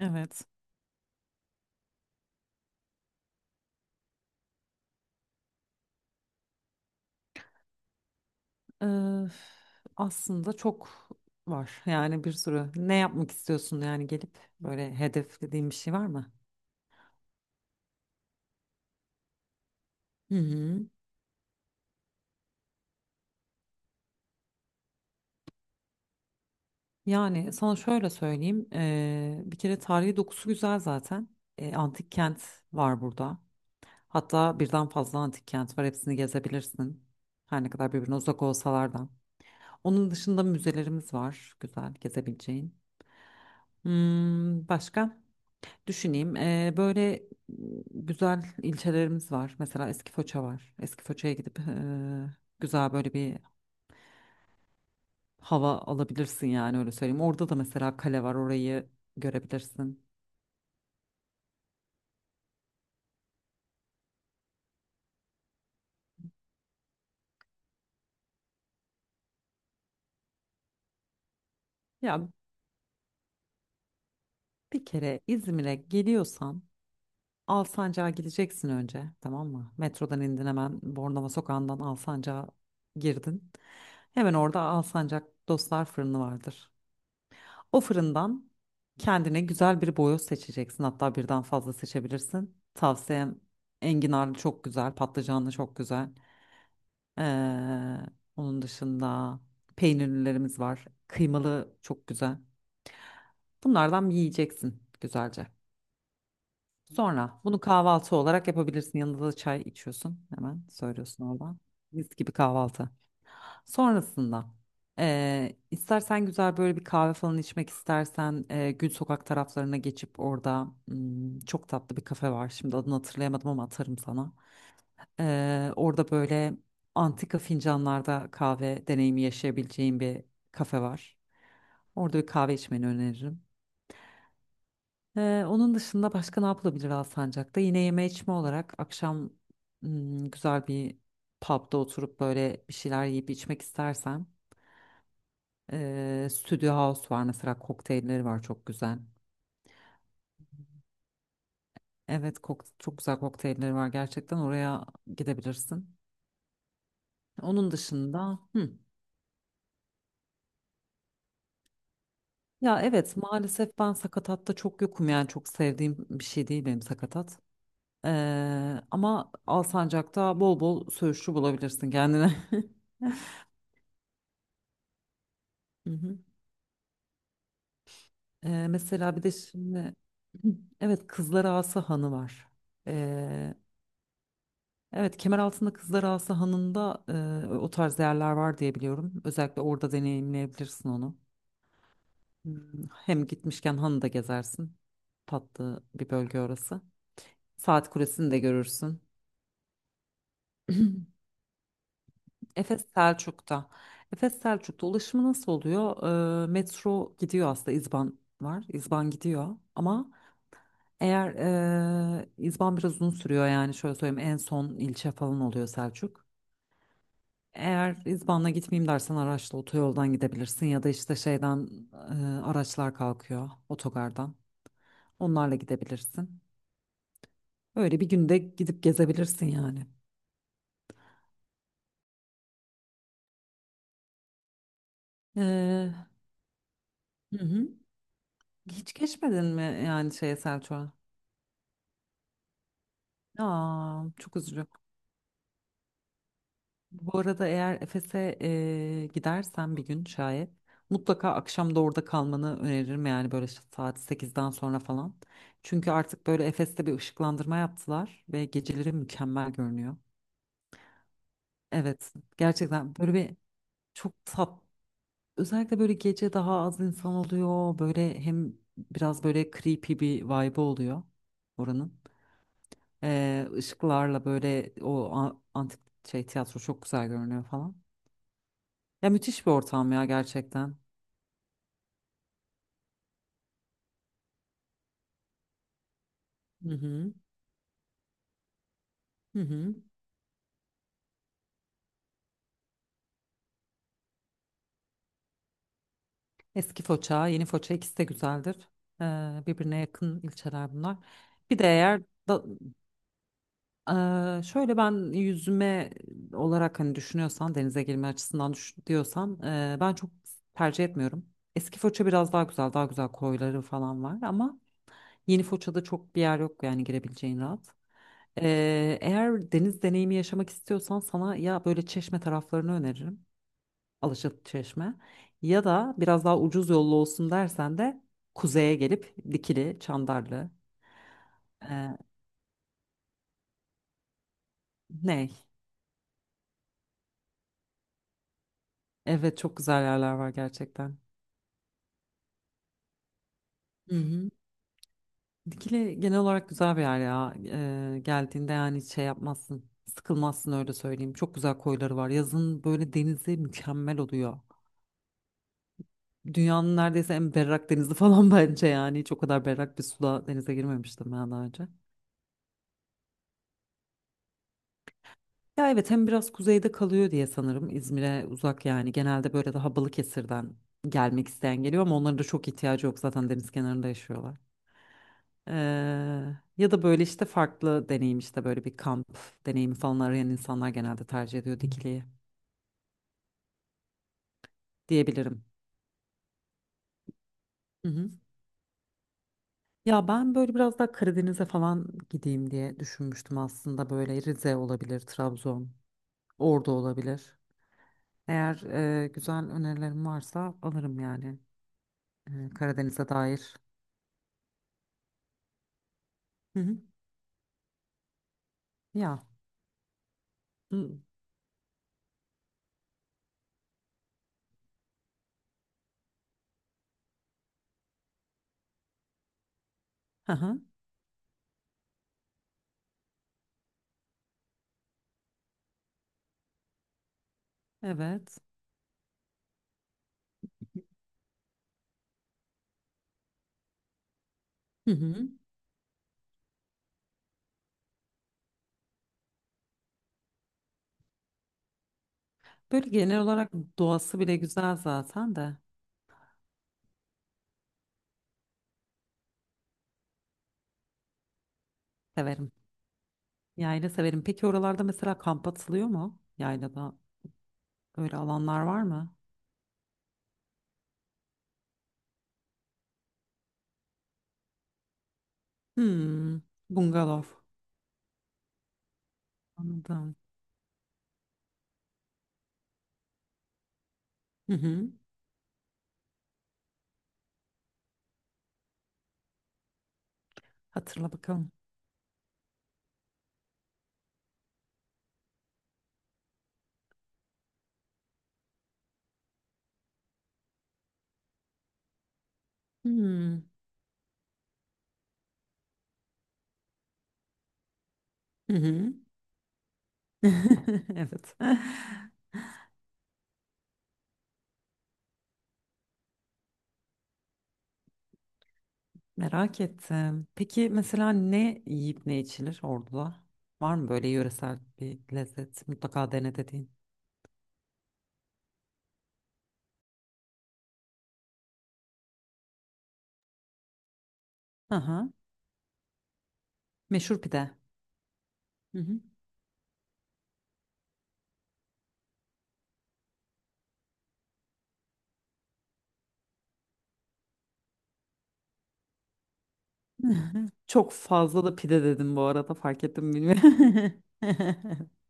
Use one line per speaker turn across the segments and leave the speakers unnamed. Evet. Eee, aslında çok var. Yani bir sürü. Ne yapmak istiyorsun yani gelip böyle hedeflediğin bir şey var mı? Hı hı. Yani sana şöyle söyleyeyim. Bir kere tarihi dokusu güzel zaten. Antik kent var burada. Hatta birden fazla antik kent var. Hepsini gezebilirsin. Her ne kadar birbirine uzak olsalar da. Onun dışında müzelerimiz var. Güzel gezebileceğin. Hmm, başka? Düşüneyim. Böyle güzel ilçelerimiz var. Mesela Eskifoça var. Eskifoça'ya gidip güzel böyle bir hava alabilirsin yani, öyle söyleyeyim. Orada da mesela kale var, orayı görebilirsin. Ya, bir kere İzmir'e geliyorsan Alsancak'a gideceksin önce, tamam mı? Metrodan indin, hemen Bornova Sokağı'ndan Alsancak'a girdin. Hemen orada Alsancak Dostlar Fırını vardır. O fırından kendine güzel bir boyoz seçeceksin. Hatta birden fazla seçebilirsin. Tavsiyem enginarlı çok güzel, patlıcanlı çok güzel. Ee, onun dışında peynirlilerimiz var. Kıymalı çok güzel. Bunlardan yiyeceksin güzelce. Sonra bunu kahvaltı olarak yapabilirsin. Yanında da çay içiyorsun. Hemen söylüyorsun oradan. Mis gibi kahvaltı. Sonrasında istersen güzel böyle bir kahve falan içmek istersen Gül Sokak taraflarına geçip orada çok tatlı bir kafe var. Şimdi adını hatırlayamadım ama atarım sana. Orada böyle antika fincanlarda kahve deneyimi yaşayabileceğin bir kafe var. Orada bir kahve içmeni öneririm. Onun dışında başka ne yapılabilir Alsancak'ta? Yine yeme içme olarak akşam güzel bir pub'da oturup böyle bir şeyler yiyip içmek istersen. Studio House var mesela, kokteylleri var çok güzel. Evet, çok güzel kokteylleri var gerçekten, oraya gidebilirsin. Onun dışında hı. Ya evet, maalesef ben sakatatta çok yokum yani, çok sevdiğim bir şey değil benim sakatat. Ama Alsancak'ta bol bol söğüşçü bulabilirsin kendine. Hı hı. Mesela bir de şimdi evet, Kızlarağası Hanı var. Evet, Kemeraltı'nda Kızlarağası Hanı'nda o tarz yerler var diye biliyorum. Özellikle orada deneyimleyebilirsin onu. Hmm. Hem gitmişken hanı da gezersin. Tatlı bir bölge orası. Saat Kulesi'ni de görürsün. Efes Selçuk'ta. Efes Selçuk'ta ulaşımı nasıl oluyor? Metro gidiyor aslında. İzban var. İzban gidiyor. Ama eğer İzban biraz uzun sürüyor yani, şöyle söyleyeyim, en son ilçe falan oluyor Selçuk. Eğer İzban'la gitmeyeyim dersen araçla otoyoldan gidebilirsin ya da işte şeyden araçlar kalkıyor otogardan. Onlarla gidebilirsin. Öyle bir günde gidip gezebilirsin yani. Ee, hı hı. Hiç geçmedin mi yani şeye, Selçuk'a? Aa, çok üzücü. Bu arada eğer Efes'e gidersen bir gün, şayet mutlaka akşam da orada kalmanı öneririm yani, böyle işte saat 8'den sonra falan. Çünkü artık böyle Efes'te bir ışıklandırma yaptılar ve geceleri mükemmel görünüyor. Evet, gerçekten böyle bir çok tat özellikle böyle gece daha az insan oluyor. Böyle hem biraz böyle creepy bir vibe oluyor oranın. Işıklarla böyle o antik şey tiyatro çok güzel görünüyor falan. Ya müthiş bir ortam ya, gerçekten. Hı hı. Hı hı. Eski Foça, yeni Foça, ikisi de güzeldir. Birbirine yakın ilçeler bunlar. Bir de eğer da- şöyle ben yüzme olarak hani düşünüyorsan, denize girme açısından düş diyorsan ben çok tercih etmiyorum. Eski Foça biraz daha güzel, daha güzel koyları falan var ama yeni Foça'da çok bir yer yok yani, girebileceğin rahat. Eğer deniz deneyimi yaşamak istiyorsan sana ya böyle Çeşme taraflarını öneririm. Alaşat Çeşme, ya da biraz daha ucuz yollu olsun dersen de kuzeye gelip Dikili, Çandarlı, eee ney. Evet, çok güzel yerler var gerçekten. Hı hı. Dikili genel olarak güzel bir yer ya. Geldiğinde yani şey yapmazsın. Sıkılmazsın, öyle söyleyeyim. Çok güzel koyları var. Yazın böyle denizi mükemmel oluyor. Dünyanın neredeyse en berrak denizi falan bence yani. Hiç o kadar berrak bir suda denize girmemiştim ben daha önce. Ya evet, hem biraz kuzeyde kalıyor diye sanırım. İzmir'e uzak yani. Genelde böyle daha Balıkesir'den gelmek isteyen geliyor ama onların da çok ihtiyacı yok. Zaten deniz kenarında yaşıyorlar. Eee, ya da böyle işte farklı deneyim, işte böyle bir kamp deneyimi falan arayan insanlar genelde tercih ediyor dikiliyi diyebilirim. Hı hı. Ya ben böyle biraz daha Karadeniz'e falan gideyim diye düşünmüştüm aslında, böyle Rize olabilir, Trabzon, Ordu olabilir. Eğer güzel önerilerim varsa alırım yani, Karadeniz'e dair. Hı hı. Ya. Hı. Hı hı. Evet. Hı hı. Böyle genel olarak doğası bile güzel zaten de severim. Yayla severim. Peki oralarda mesela kamp atılıyor mu, yaylada öyle alanlar var mı? Hmm, bungalov. Anladım. Hı hı. Hatırla bakalım. Hmm. Hı hı. Evet. Merak ettim. Peki mesela ne yiyip ne içilir Ordu'da? Var mı böyle yöresel bir lezzet, mutlaka dene dediğin? Aha. Meşhur pide. Hı hı. Çok fazla da pide dedim bu arada, fark ettim, bilmiyorum.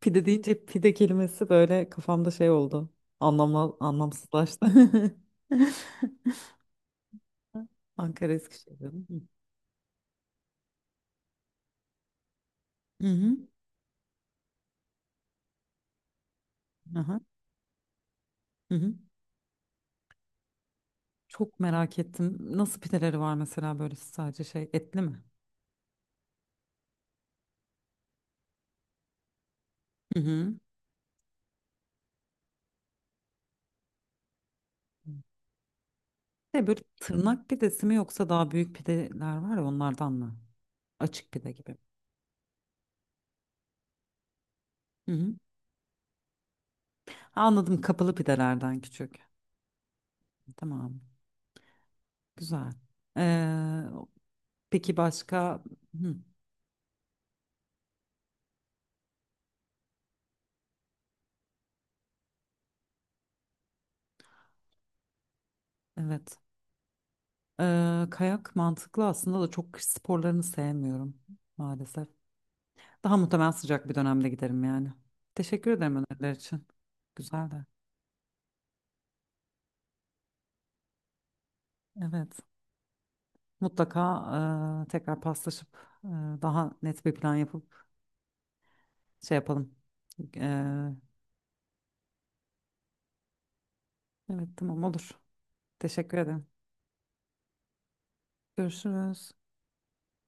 Pide deyince pide kelimesi böyle kafamda şey oldu. Anlamla, anlamsızlaştı. Ankara, Eskişehir dedim. Hı hı, hı. Aha. Hı hı. Çok merak ettim. Nasıl pideleri var mesela, böyle sadece şey, etli mi? Hı hı. Şey, böyle tırnak pidesi mi yoksa daha büyük pideler var ya, onlardan mı? Açık pide gibi. Hı hı. Ha, anladım, kapalı pidelerden küçük. Tamam. Güzel. Ee, peki başka? Hı, evet. Kayak mantıklı aslında da çok kış sporlarını sevmiyorum maalesef. Daha muhtemelen sıcak bir dönemde giderim yani. Teşekkür ederim öneriler için. Güzel de. Evet. Mutlaka tekrar paslaşıp e, daha net bir plan yapıp şey yapalım. E, evet, tamam olur. Teşekkür ederim. Görüşürüz.